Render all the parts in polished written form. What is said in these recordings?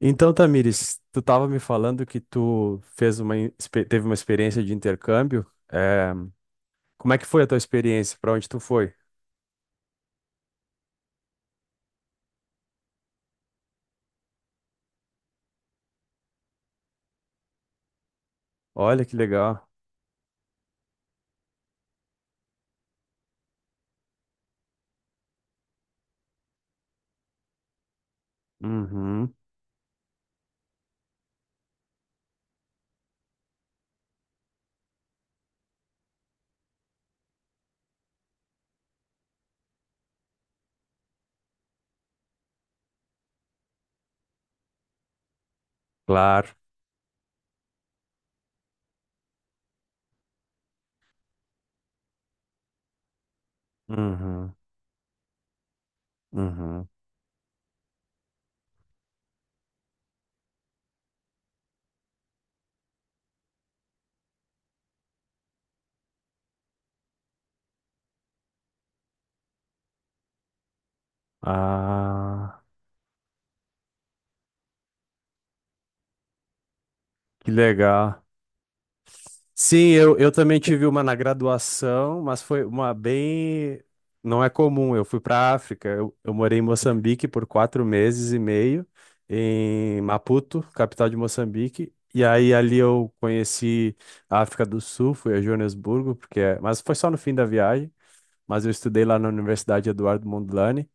Então, Tamires, tu estava me falando que tu fez teve uma experiência de intercâmbio. É, como é que foi a tua experiência? Para onde tu foi? Olha que legal. Uhum, claro. Uhum, uhum. Ah, que legal. Sim, eu também tive uma na graduação, mas foi uma bem. Não é comum. Eu fui para a África. Eu morei em Moçambique por quatro meses e meio, em Maputo, capital de Moçambique. E aí ali eu conheci a África do Sul, fui a Joanesburgo, mas foi só no fim da viagem. Mas eu estudei lá na Universidade Eduardo Mondlane.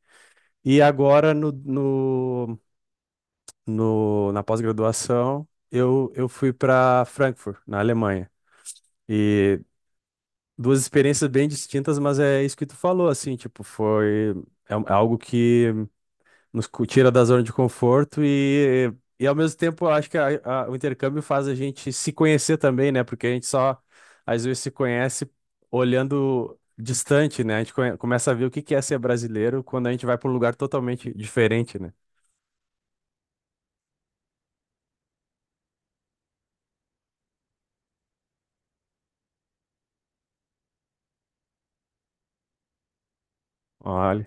E agora na pós-graduação eu fui para Frankfurt, na Alemanha. E duas experiências bem distintas, mas é isso que tu falou, assim, tipo, foi é algo que tira da zona de conforto e ao mesmo tempo eu acho que o intercâmbio faz a gente se conhecer também, né? Porque a gente só às vezes se conhece olhando distante, né? A gente começa a ver o que que é ser brasileiro quando a gente vai para um lugar totalmente diferente, né? Olha.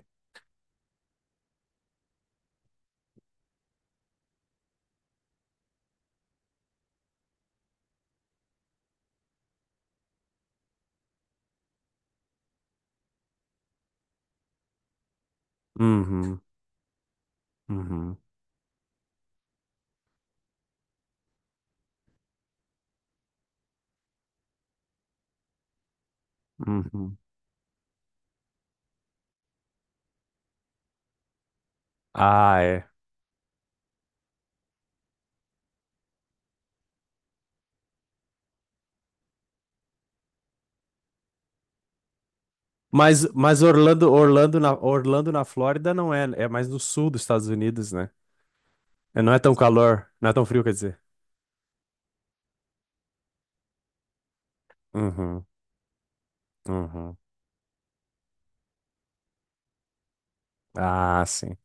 Uhum, uhum, uhum. Ah, é. Mas Orlando, Orlando na Flórida não é, é mais no sul dos Estados Unidos, né? É, não é tão calor, não é tão frio, quer dizer. Uhum, uhum. Ah, sim.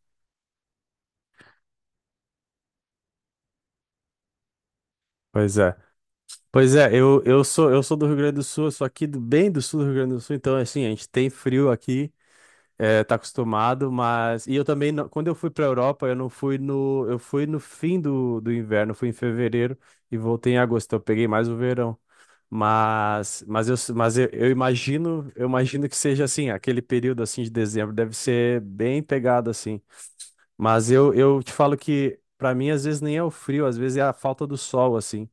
Pois é. Pois é, eu sou, eu sou do Rio Grande do Sul, eu sou aqui do, bem do sul do Rio Grande do Sul, então assim, a gente tem frio aqui, é, tá acostumado, mas e eu também não- quando eu fui pra Europa, eu fui no fim do inverno, fui em fevereiro e voltei em agosto, então eu peguei mais o verão. Mas eu imagino, eu imagino que seja assim, aquele período assim de dezembro deve ser bem pegado assim. Mas eu te falo que para mim às vezes nem é o frio, às vezes é a falta do sol assim.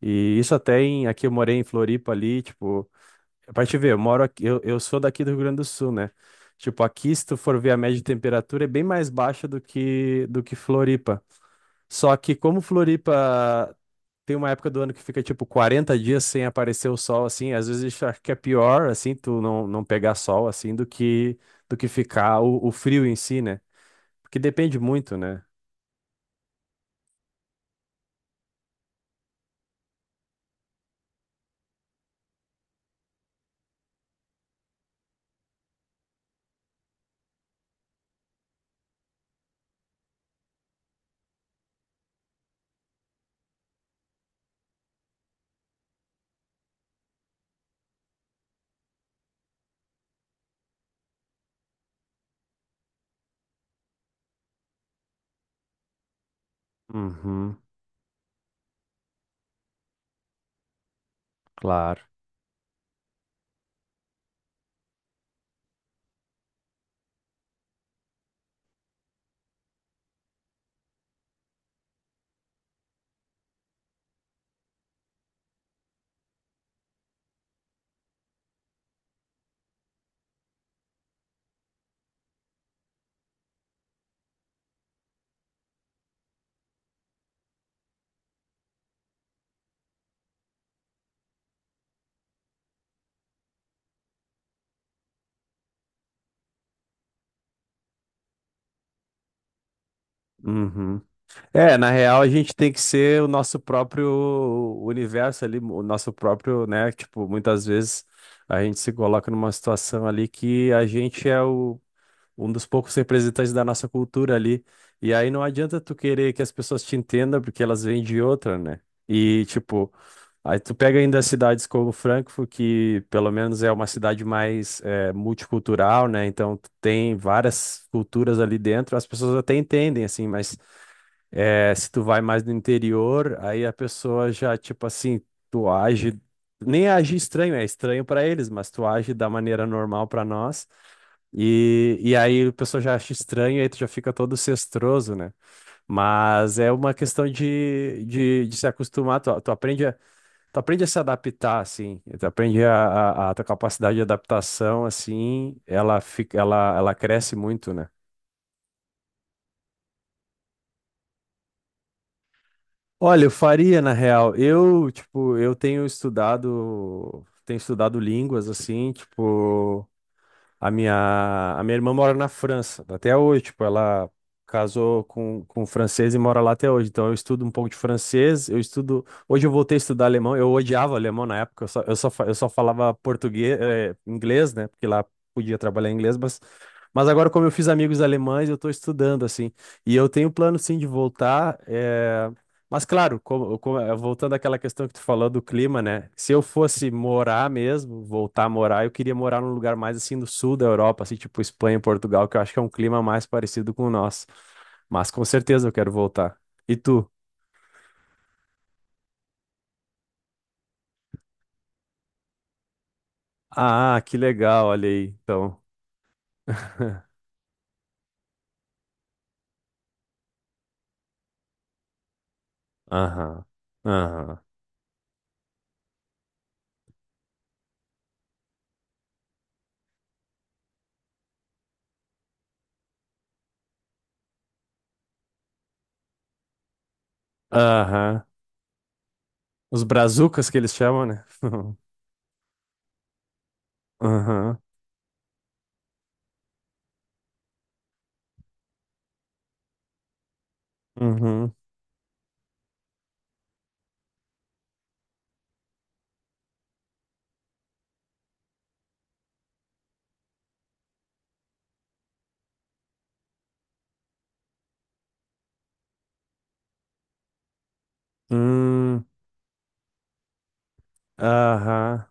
E isso até em aqui eu morei em Floripa ali, tipo, é pra te ver, eu moro aqui, eu sou daqui do Rio Grande do Sul, né? Tipo, aqui se tu for ver a média de temperatura é bem mais baixa do que Floripa. Só que como Floripa tem uma época do ano que fica tipo 40 dias sem aparecer o sol, assim. Às vezes eu acho que é pior, assim, tu não pegar sol, assim, do que ficar o frio em si, né? Porque depende muito, né? Uhum, claro. Uhum. É, na real, a gente tem que ser o nosso próprio universo ali, o nosso próprio, né? Tipo, muitas vezes a gente se coloca numa situação ali que a gente é o um dos poucos representantes da nossa cultura ali. E aí não adianta tu querer que as pessoas te entendam, porque elas vêm de outra, né? E, tipo, aí tu pega ainda cidades como Frankfurt, que pelo menos é uma cidade mais multicultural, né? Então tu tem várias culturas ali dentro, as pessoas até entendem, assim, mas é, se tu vai mais no interior, aí a pessoa já, tipo assim, tu age, nem age estranho, é estranho pra eles, mas tu age da maneira normal pra nós. E aí a pessoa já acha estranho, aí tu já fica todo cestroso, né? Mas é uma questão de se acostumar, tu aprende a, tu aprende a se adaptar, assim, tu aprende a tua capacidade de adaptação, assim, ela fica, ela cresce muito, né? Olha, eu faria na real. Eu, tipo, tenho estudado línguas assim, tipo, a minha irmã mora na França até hoje, tipo, ela casou com um francês e mora lá até hoje. Então eu estudo um pouco de francês, eu estudo, hoje eu voltei a estudar alemão. Eu odiava alemão na época, eu só falava português, inglês, né? Porque lá podia trabalhar em inglês, mas agora, como eu fiz amigos alemães, eu estou estudando, assim. E eu tenho plano, sim, de voltar. Mas, claro, voltando àquela questão que tu falou do clima, né? Se eu fosse morar mesmo, voltar a morar, eu queria morar num lugar mais, assim, do sul da Europa, assim, tipo Espanha e Portugal, que eu acho que é um clima mais parecido com o nosso. Mas, com certeza, eu quero voltar. E tu? Ah, que legal, olha aí. Então. Aham. Aham. Aham. Os brazucas que eles chamam, né? Aham. Uhum. Hum, aham,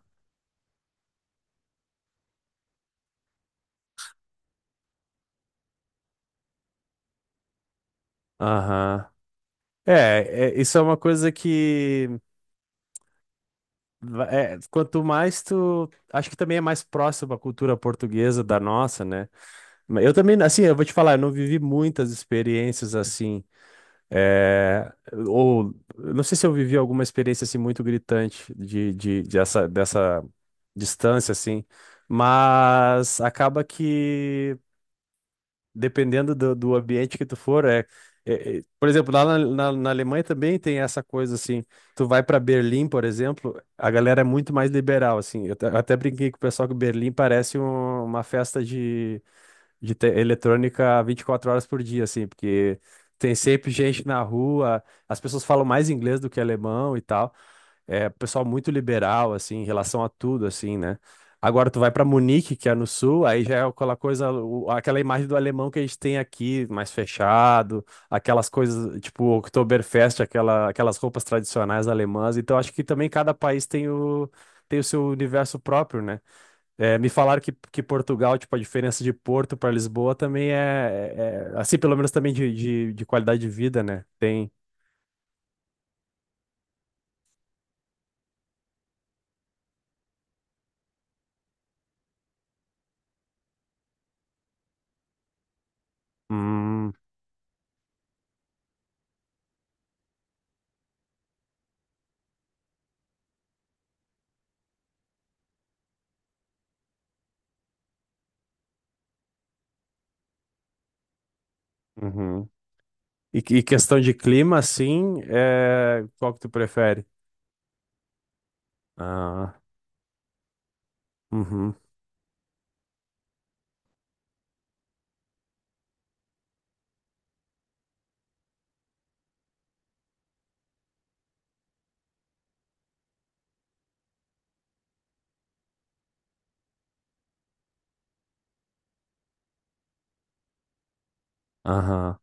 aham. É, é, isso é uma coisa que é, quanto mais tu, acho que também é mais próximo à cultura portuguesa da nossa, né? Mas eu também, assim, eu vou te falar, eu não vivi muitas experiências assim, é, ou eu não sei se eu vivi alguma experiência assim muito gritante dessa distância assim, mas acaba que dependendo do ambiente que tu for, é, por exemplo, lá na Alemanha também tem essa coisa assim, tu vai para Berlim, por exemplo, a galera é muito mais liberal, assim, eu até brinquei com o pessoal que Berlim parece uma festa de eletrônica 24 horas por dia, assim, porque tem sempre gente na rua, as pessoas falam mais inglês do que alemão e tal, é, pessoal muito liberal, assim, em relação a tudo, assim, né? Agora tu vai para Munique, que é no sul, aí já é aquela coisa, aquela imagem do alemão que a gente tem aqui, mais fechado, aquelas coisas, tipo, Oktoberfest, aquelas roupas tradicionais alemãs. Então acho que também cada país tem o, tem o seu universo próprio, né? É, me falaram que Portugal, tipo, a diferença de Porto para Lisboa também é, assim, pelo menos também de qualidade de vida, né? Tem. Hum, uhum. E questão de clima, assim, é... qual que tu prefere? Ah, uhum, aham,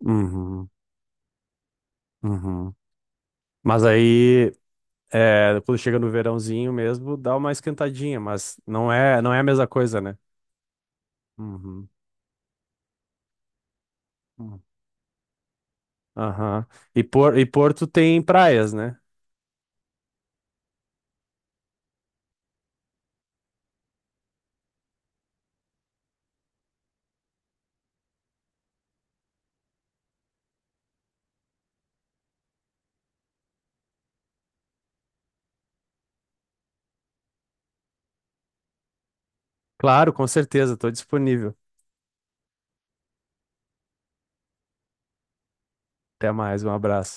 uhum, uhum. Mas aí, é, quando chega no verãozinho mesmo, dá uma esquentadinha, mas não é a mesma coisa, né? Uhum, uhum, aham. E, e Porto tem praias, né? Claro, com certeza, estou disponível. Até mais, um abraço.